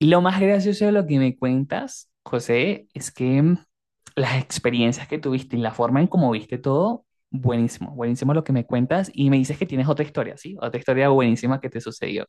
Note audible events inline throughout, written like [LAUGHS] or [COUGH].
Lo más gracioso de lo que me cuentas, José, es que las experiencias que tuviste y la forma en cómo viste todo, buenísimo, buenísimo lo que me cuentas y me dices que tienes otra historia, ¿sí? Otra historia buenísima que te sucedió.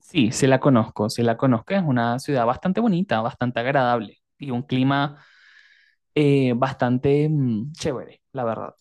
Sí, sí la conozco, es una ciudad bastante bonita, bastante agradable y un clima bastante chévere, la verdad.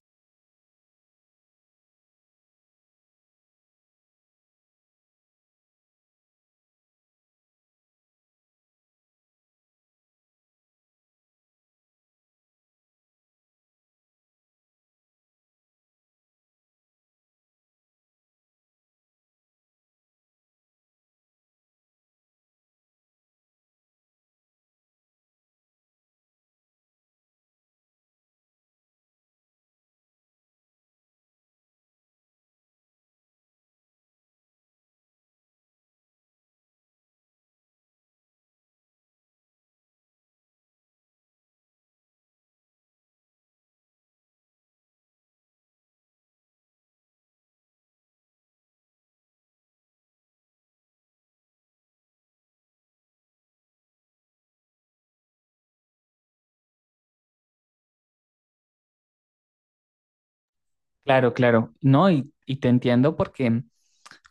Claro, claro. No, y te entiendo porque,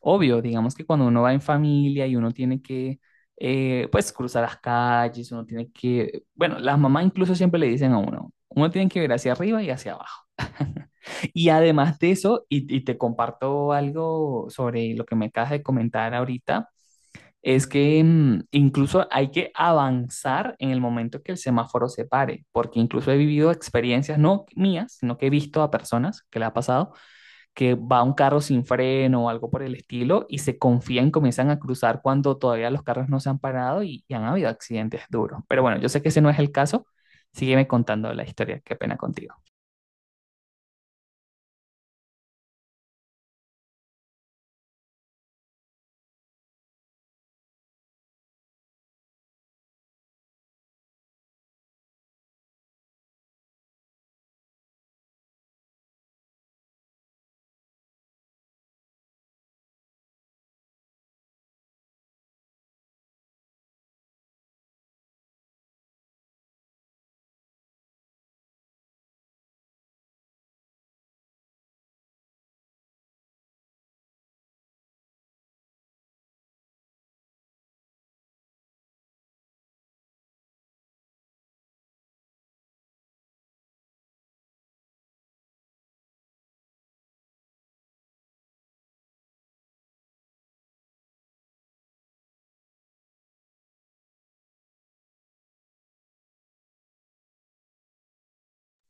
obvio, digamos que cuando uno va en familia y uno tiene que, pues, cruzar las calles, uno tiene que, bueno, las mamás incluso siempre le dicen a uno, uno tiene que ver hacia arriba y hacia abajo. [LAUGHS] Y además de eso, y te comparto algo sobre lo que me acabas de comentar ahorita, es que incluso hay que avanzar en el momento que el semáforo se pare, porque incluso he vivido experiencias, no mías, sino que he visto a personas que le ha pasado que va un carro sin freno o algo por el estilo y se confían, comienzan a cruzar cuando todavía los carros no se han parado y han habido accidentes duros. Pero bueno, yo sé que ese no es el caso. Sígueme contando la historia, qué pena contigo.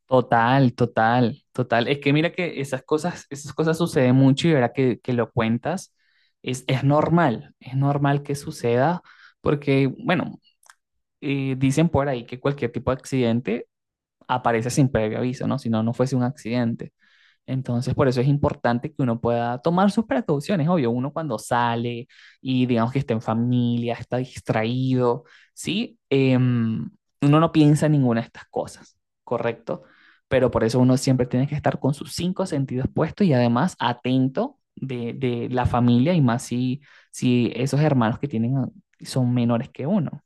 Total, total, total. Es que mira que esas cosas suceden mucho y ahora que lo cuentas, es normal, es normal que suceda porque, bueno, dicen por ahí que cualquier tipo de accidente aparece sin previo aviso, ¿no? Si no, no fuese un accidente. Entonces, por eso es importante que uno pueda tomar sus precauciones, obvio, uno cuando sale y digamos que está en familia, está distraído, ¿sí? Em, uno no piensa en ninguna de estas cosas, ¿correcto? Pero por eso uno siempre tiene que estar con sus cinco sentidos puestos y además atento de la familia y más si, si esos hermanos que tienen son menores que uno.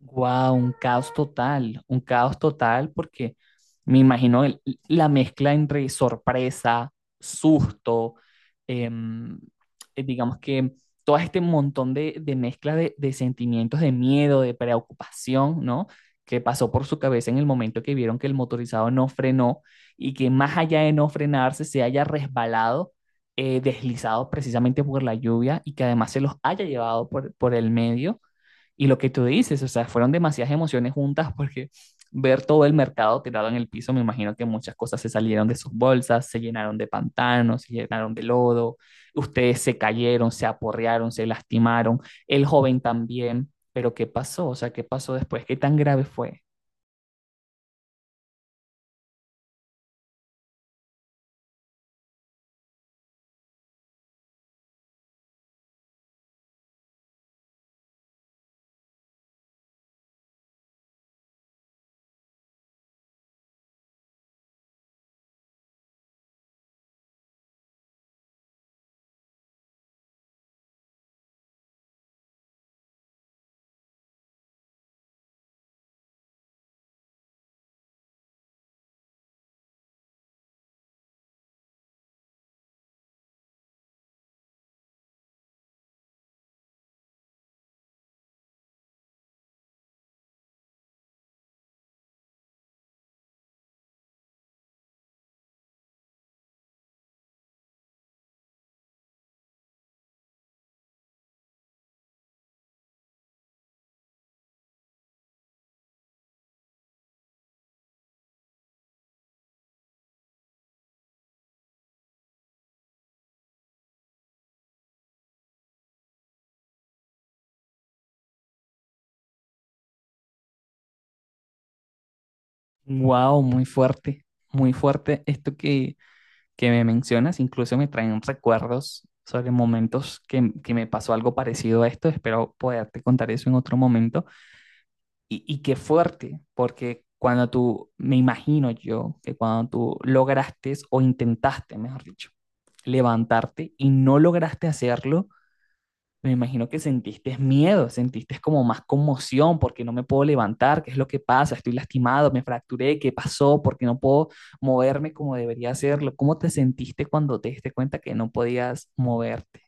Wow, un caos total porque me imagino la mezcla entre sorpresa, susto, em, digamos que todo este montón de mezcla de sentimientos de miedo, de preocupación, ¿no? Que pasó por su cabeza en el momento que vieron que el motorizado no frenó y que más allá de no frenarse se haya resbalado, deslizado precisamente por la lluvia y que además se los haya llevado por el medio. Y lo que tú dices, o sea, fueron demasiadas emociones juntas porque ver todo el mercado tirado en el piso, me imagino que muchas cosas se salieron de sus bolsas, se llenaron de pantanos, se llenaron de lodo, ustedes se cayeron, se aporrearon, se lastimaron, el joven también, pero ¿qué pasó? O sea, ¿qué pasó después? ¿Qué tan grave fue? Wow, muy fuerte esto que me mencionas, incluso me traen recuerdos sobre momentos que me pasó algo parecido a esto, espero poderte contar eso en otro momento. Y qué fuerte, porque cuando tú, me imagino yo, que cuando tú lograste o intentaste, mejor dicho, levantarte y no lograste hacerlo, me imagino que sentiste miedo, sentiste como más conmoción porque no me puedo levantar, qué es lo que pasa, estoy lastimado, me fracturé, qué pasó, porque no puedo moverme como debería hacerlo. ¿Cómo te sentiste cuando te diste cuenta que no podías moverte?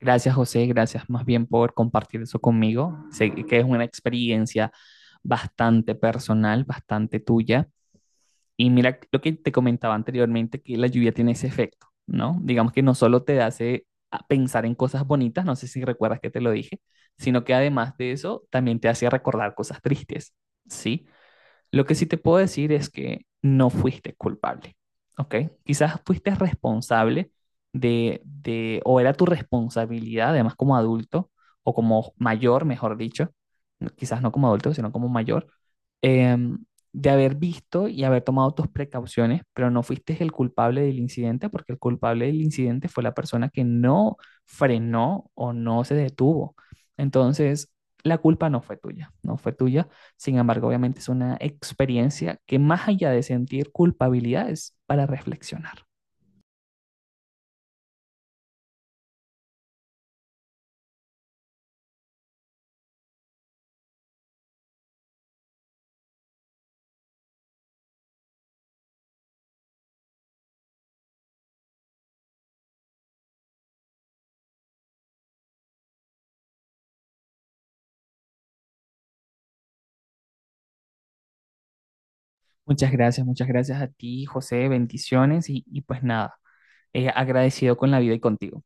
Gracias, José. Gracias más bien por compartir eso conmigo. Sé que es una experiencia bastante personal, bastante tuya. Y mira lo que te comentaba anteriormente, que la lluvia tiene ese efecto, ¿no? Digamos que no solo te hace a pensar en cosas bonitas, no sé si recuerdas que te lo dije, sino que además de eso, también te hace recordar cosas tristes, ¿sí? Lo que sí te puedo decir es que no fuiste culpable, ¿ok? Quizás fuiste responsable o era tu responsabilidad, además como adulto, o como mayor, mejor dicho, no, quizás no como adulto, sino como mayor, eh, de haber visto y haber tomado tus precauciones, pero no fuiste el culpable del incidente, porque el culpable del incidente fue la persona que no frenó o no se detuvo. Entonces, la culpa no fue tuya, no fue tuya. Sin embargo, obviamente es una experiencia que más allá de sentir culpabilidad es para reflexionar. Muchas gracias a ti, José, bendiciones y pues nada, agradecido con la vida y contigo.